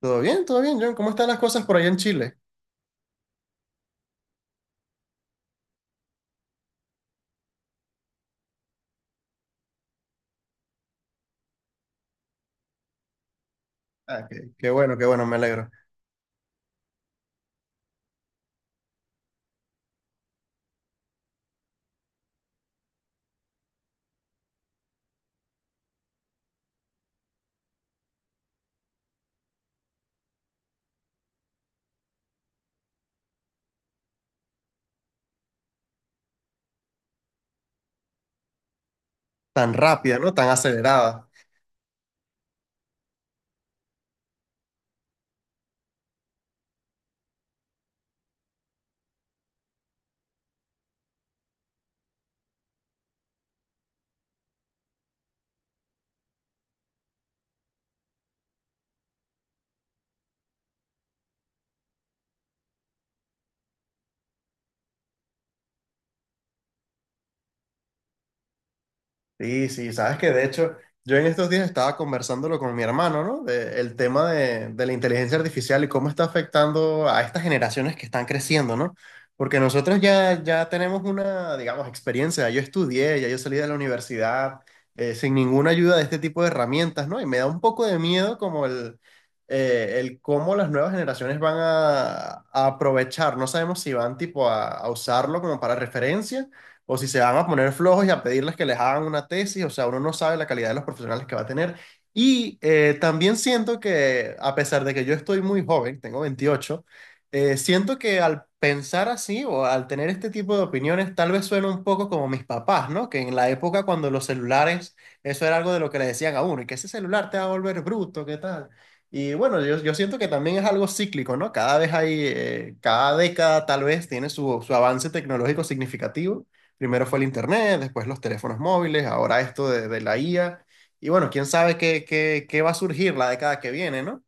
Todo bien, John. ¿Cómo están las cosas por allá en Chile? Ah, qué bueno, qué bueno, me alegro. Tan rápida, ¿no? Tan acelerada. Sí, sí, sabes que de hecho yo en estos días estaba conversándolo con mi hermano, ¿no? El tema de la inteligencia artificial y cómo está afectando a estas generaciones que están creciendo, ¿no? Porque nosotros ya, tenemos una, digamos, experiencia. Yo estudié, ya yo salí de la universidad sin ninguna ayuda de este tipo de herramientas, ¿no? Y me da un poco de miedo como el cómo las nuevas generaciones van a aprovechar. No sabemos si van tipo a usarlo como para referencia, o si se van a poner flojos y a pedirles que les hagan una tesis. O sea, uno no sabe la calidad de los profesionales que va a tener. Y también siento que, a pesar de que yo estoy muy joven, tengo 28, siento que al pensar así o al tener este tipo de opiniones, tal vez suena un poco como mis papás, ¿no? Que en la época cuando los celulares, eso era algo de lo que le decían a uno, y que ese celular te va a volver bruto, ¿qué tal? Y bueno, yo siento que también es algo cíclico, ¿no? Cada vez cada década tal vez tiene su avance tecnológico significativo. Primero fue el internet, después los teléfonos móviles, ahora esto de la IA. Y bueno, quién sabe qué va a surgir la década que viene, ¿no?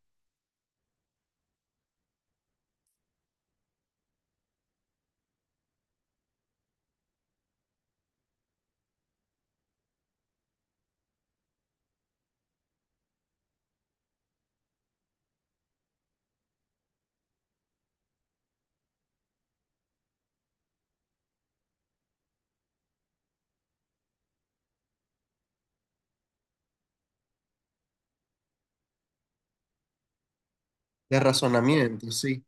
De razonamiento, sí.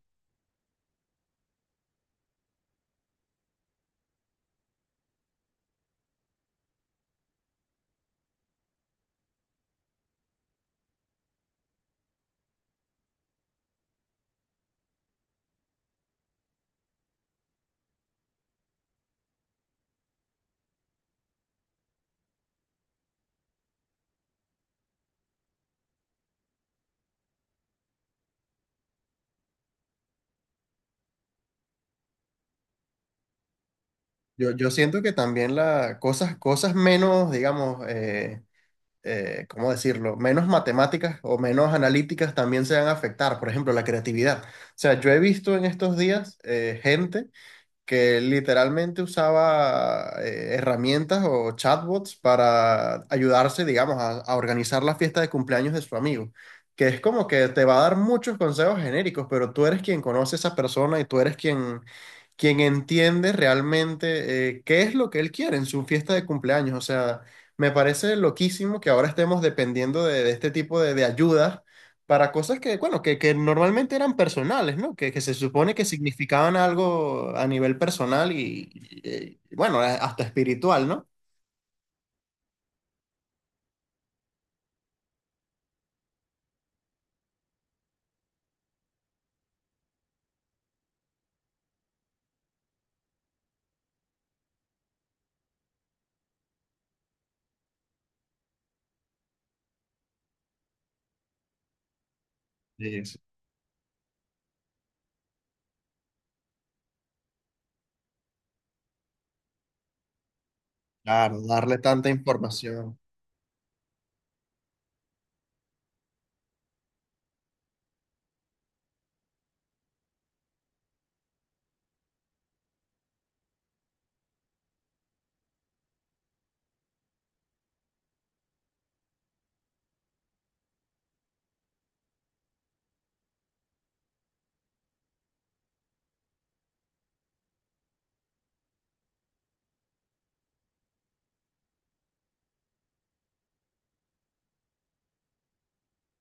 Yo siento que también cosas menos, digamos, ¿cómo decirlo? Menos matemáticas o menos analíticas también se van a afectar. Por ejemplo, la creatividad. O sea, yo he visto en estos días gente que literalmente usaba herramientas o chatbots para ayudarse, digamos, a organizar la fiesta de cumpleaños de su amigo. Que es como que te va a dar muchos consejos genéricos, pero tú eres quien conoce a esa persona y tú eres quien entiende realmente qué es lo que él quiere en su fiesta de cumpleaños. O sea, me parece loquísimo que ahora estemos dependiendo de este tipo de ayudas para cosas que, bueno, que normalmente eran personales, ¿no? Que se supone que significaban algo a nivel personal y, bueno, hasta espiritual, ¿no? Sí, sí, claro, darle tanta información.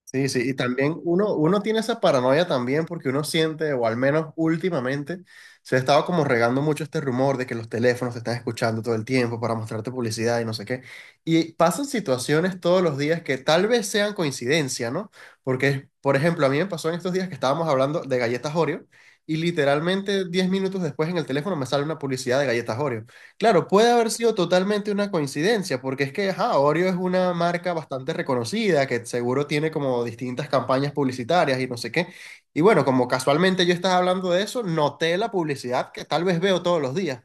Sí, sí, y también uno tiene esa paranoia también, porque uno siente, o al menos últimamente, se ha estado como regando mucho este rumor de que los teléfonos te están escuchando todo el tiempo para mostrarte publicidad y no sé qué. Y pasan situaciones todos los días que tal vez sean coincidencia, ¿no? Porque, por ejemplo, a mí me pasó en estos días que estábamos hablando de galletas Oreo, y literalmente 10 minutos después en el teléfono me sale una publicidad de galletas Oreo. Claro, puede haber sido totalmente una coincidencia, porque es que ajá, Oreo es una marca bastante reconocida, que seguro tiene como distintas campañas publicitarias y no sé qué. Y bueno, como casualmente yo estaba hablando de eso, noté la publicidad que tal vez veo todos los días.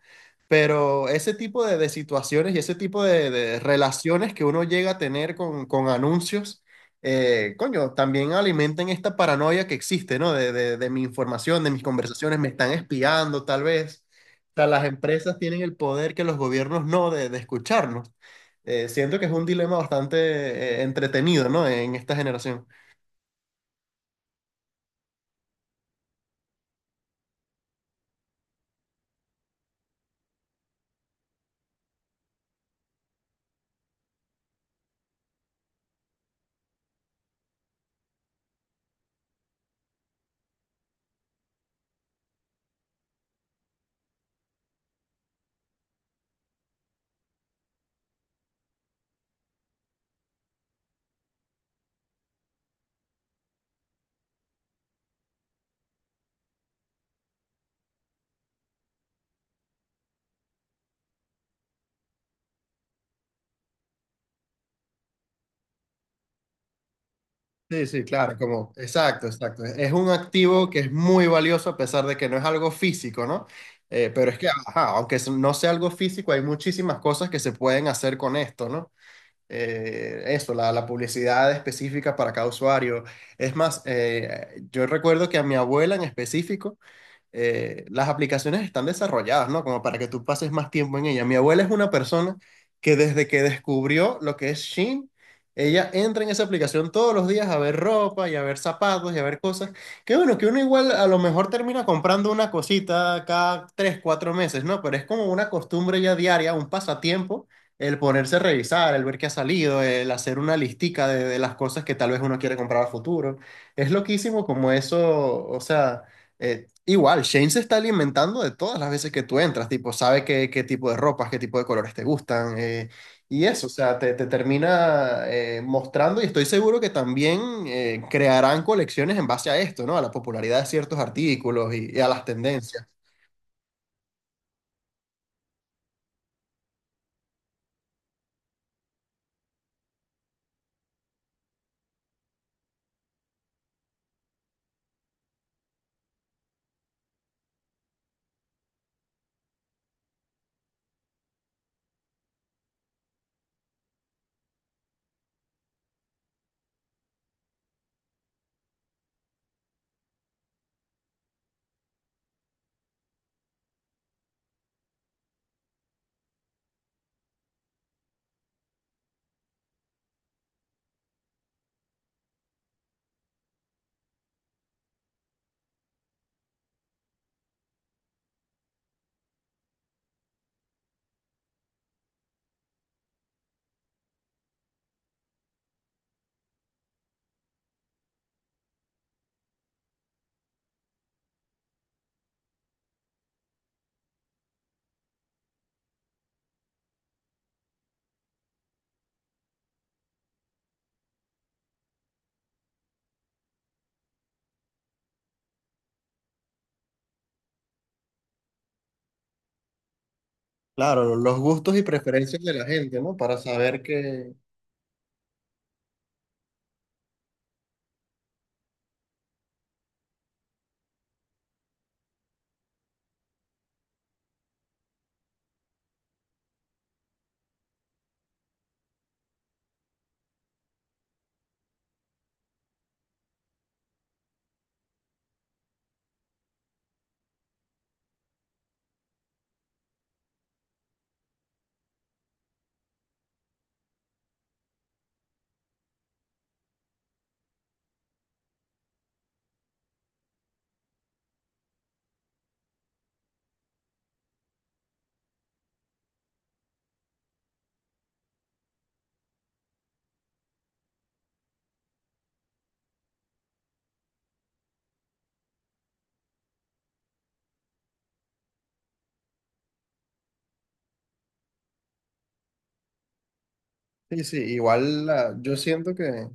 Pero ese tipo de situaciones y ese tipo de relaciones que uno llega a tener con anuncios, coño, también alimentan esta paranoia que existe, ¿no? De, de mi información, de mis conversaciones, me están espiando tal vez, sea, las empresas tienen el poder que los gobiernos no de escucharnos. Siento que es un dilema bastante entretenido, ¿no? En esta generación. Sí, sí, claro, como, exacto, exacto. Es un activo que es muy valioso a pesar de que no es algo físico, ¿no? Pero es que, ajá, aunque eso no sea algo físico, hay muchísimas cosas que se pueden hacer con esto, ¿no? Eso, la publicidad específica para cada usuario. Es más, yo recuerdo que a mi abuela en específico, las aplicaciones están desarrolladas, ¿no? Como para que tú pases más tiempo en ella. Mi abuela es una persona que, desde que descubrió lo que es Shein, ella entra en esa aplicación todos los días a ver ropa y a ver zapatos y a ver cosas. Que bueno, que uno igual a lo mejor termina comprando una cosita cada 3, 4 meses, ¿no? Pero es como una costumbre ya diaria, un pasatiempo. El ponerse a revisar, el ver qué ha salido, el hacer una listica de las cosas que tal vez uno quiere comprar a futuro. Es loquísimo como eso. O sea, igual, Shane se está alimentando de todas las veces que tú entras, tipo, sabe qué, qué tipo de colores te gustan. Y eso, o sea, te termina mostrando, y estoy seguro que también crearán colecciones en base a esto, ¿no? A la popularidad de ciertos artículos y a las tendencias. Claro, los gustos y preferencias de la gente, ¿no? Para saber que... Sí, sí, igual yo siento que...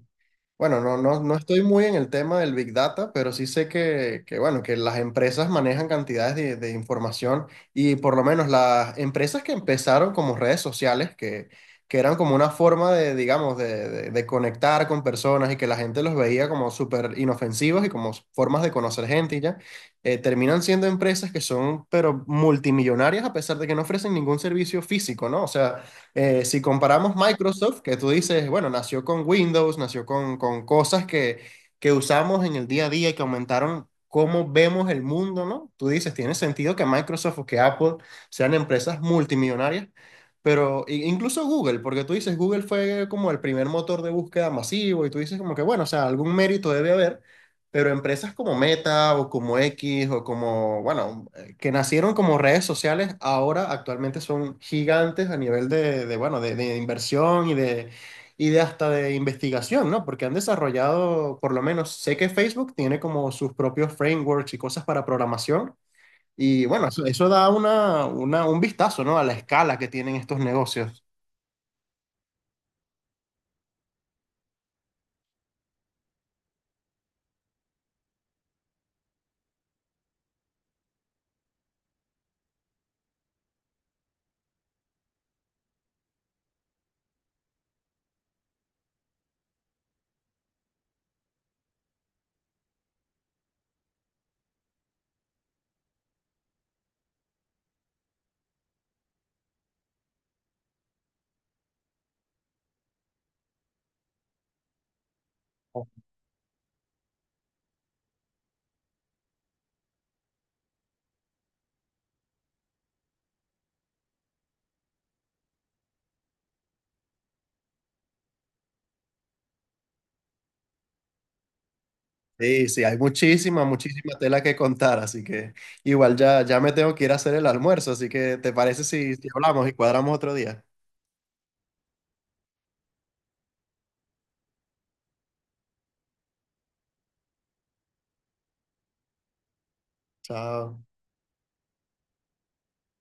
Bueno, no, no, no estoy muy en el tema del Big Data, pero sí sé que, bueno, que las empresas manejan cantidades de información. Y por lo menos las empresas que empezaron como redes sociales, que eran como una forma de, digamos, de conectar con personas y que la gente los veía como súper inofensivos y como formas de conocer gente y ya, terminan siendo empresas que son, pero, multimillonarias, a pesar de que no ofrecen ningún servicio físico, ¿no? O sea... Si comparamos Microsoft, que tú dices, bueno, nació con Windows, nació con cosas que usamos en el día a día y que aumentaron cómo vemos el mundo, ¿no? Tú dices, tiene sentido que Microsoft o que Apple sean empresas multimillonarias. Pero incluso Google, porque tú dices, Google fue como el primer motor de búsqueda masivo, y tú dices como que, bueno, o sea, algún mérito debe haber. Pero empresas como Meta o como X o como, bueno, que nacieron como redes sociales, ahora actualmente son gigantes a nivel de, bueno, de inversión y de hasta de investigación, ¿no? Porque han desarrollado, por lo menos, sé que Facebook tiene como sus propios frameworks y cosas para programación. Y bueno, eso, da una, un vistazo, ¿no? A la escala que tienen estos negocios. Sí, sí, hay muchísima, muchísima tela que contar, así que igual ya, me tengo que ir a hacer el almuerzo, así que ¿te parece si, hablamos y cuadramos otro día? Chao.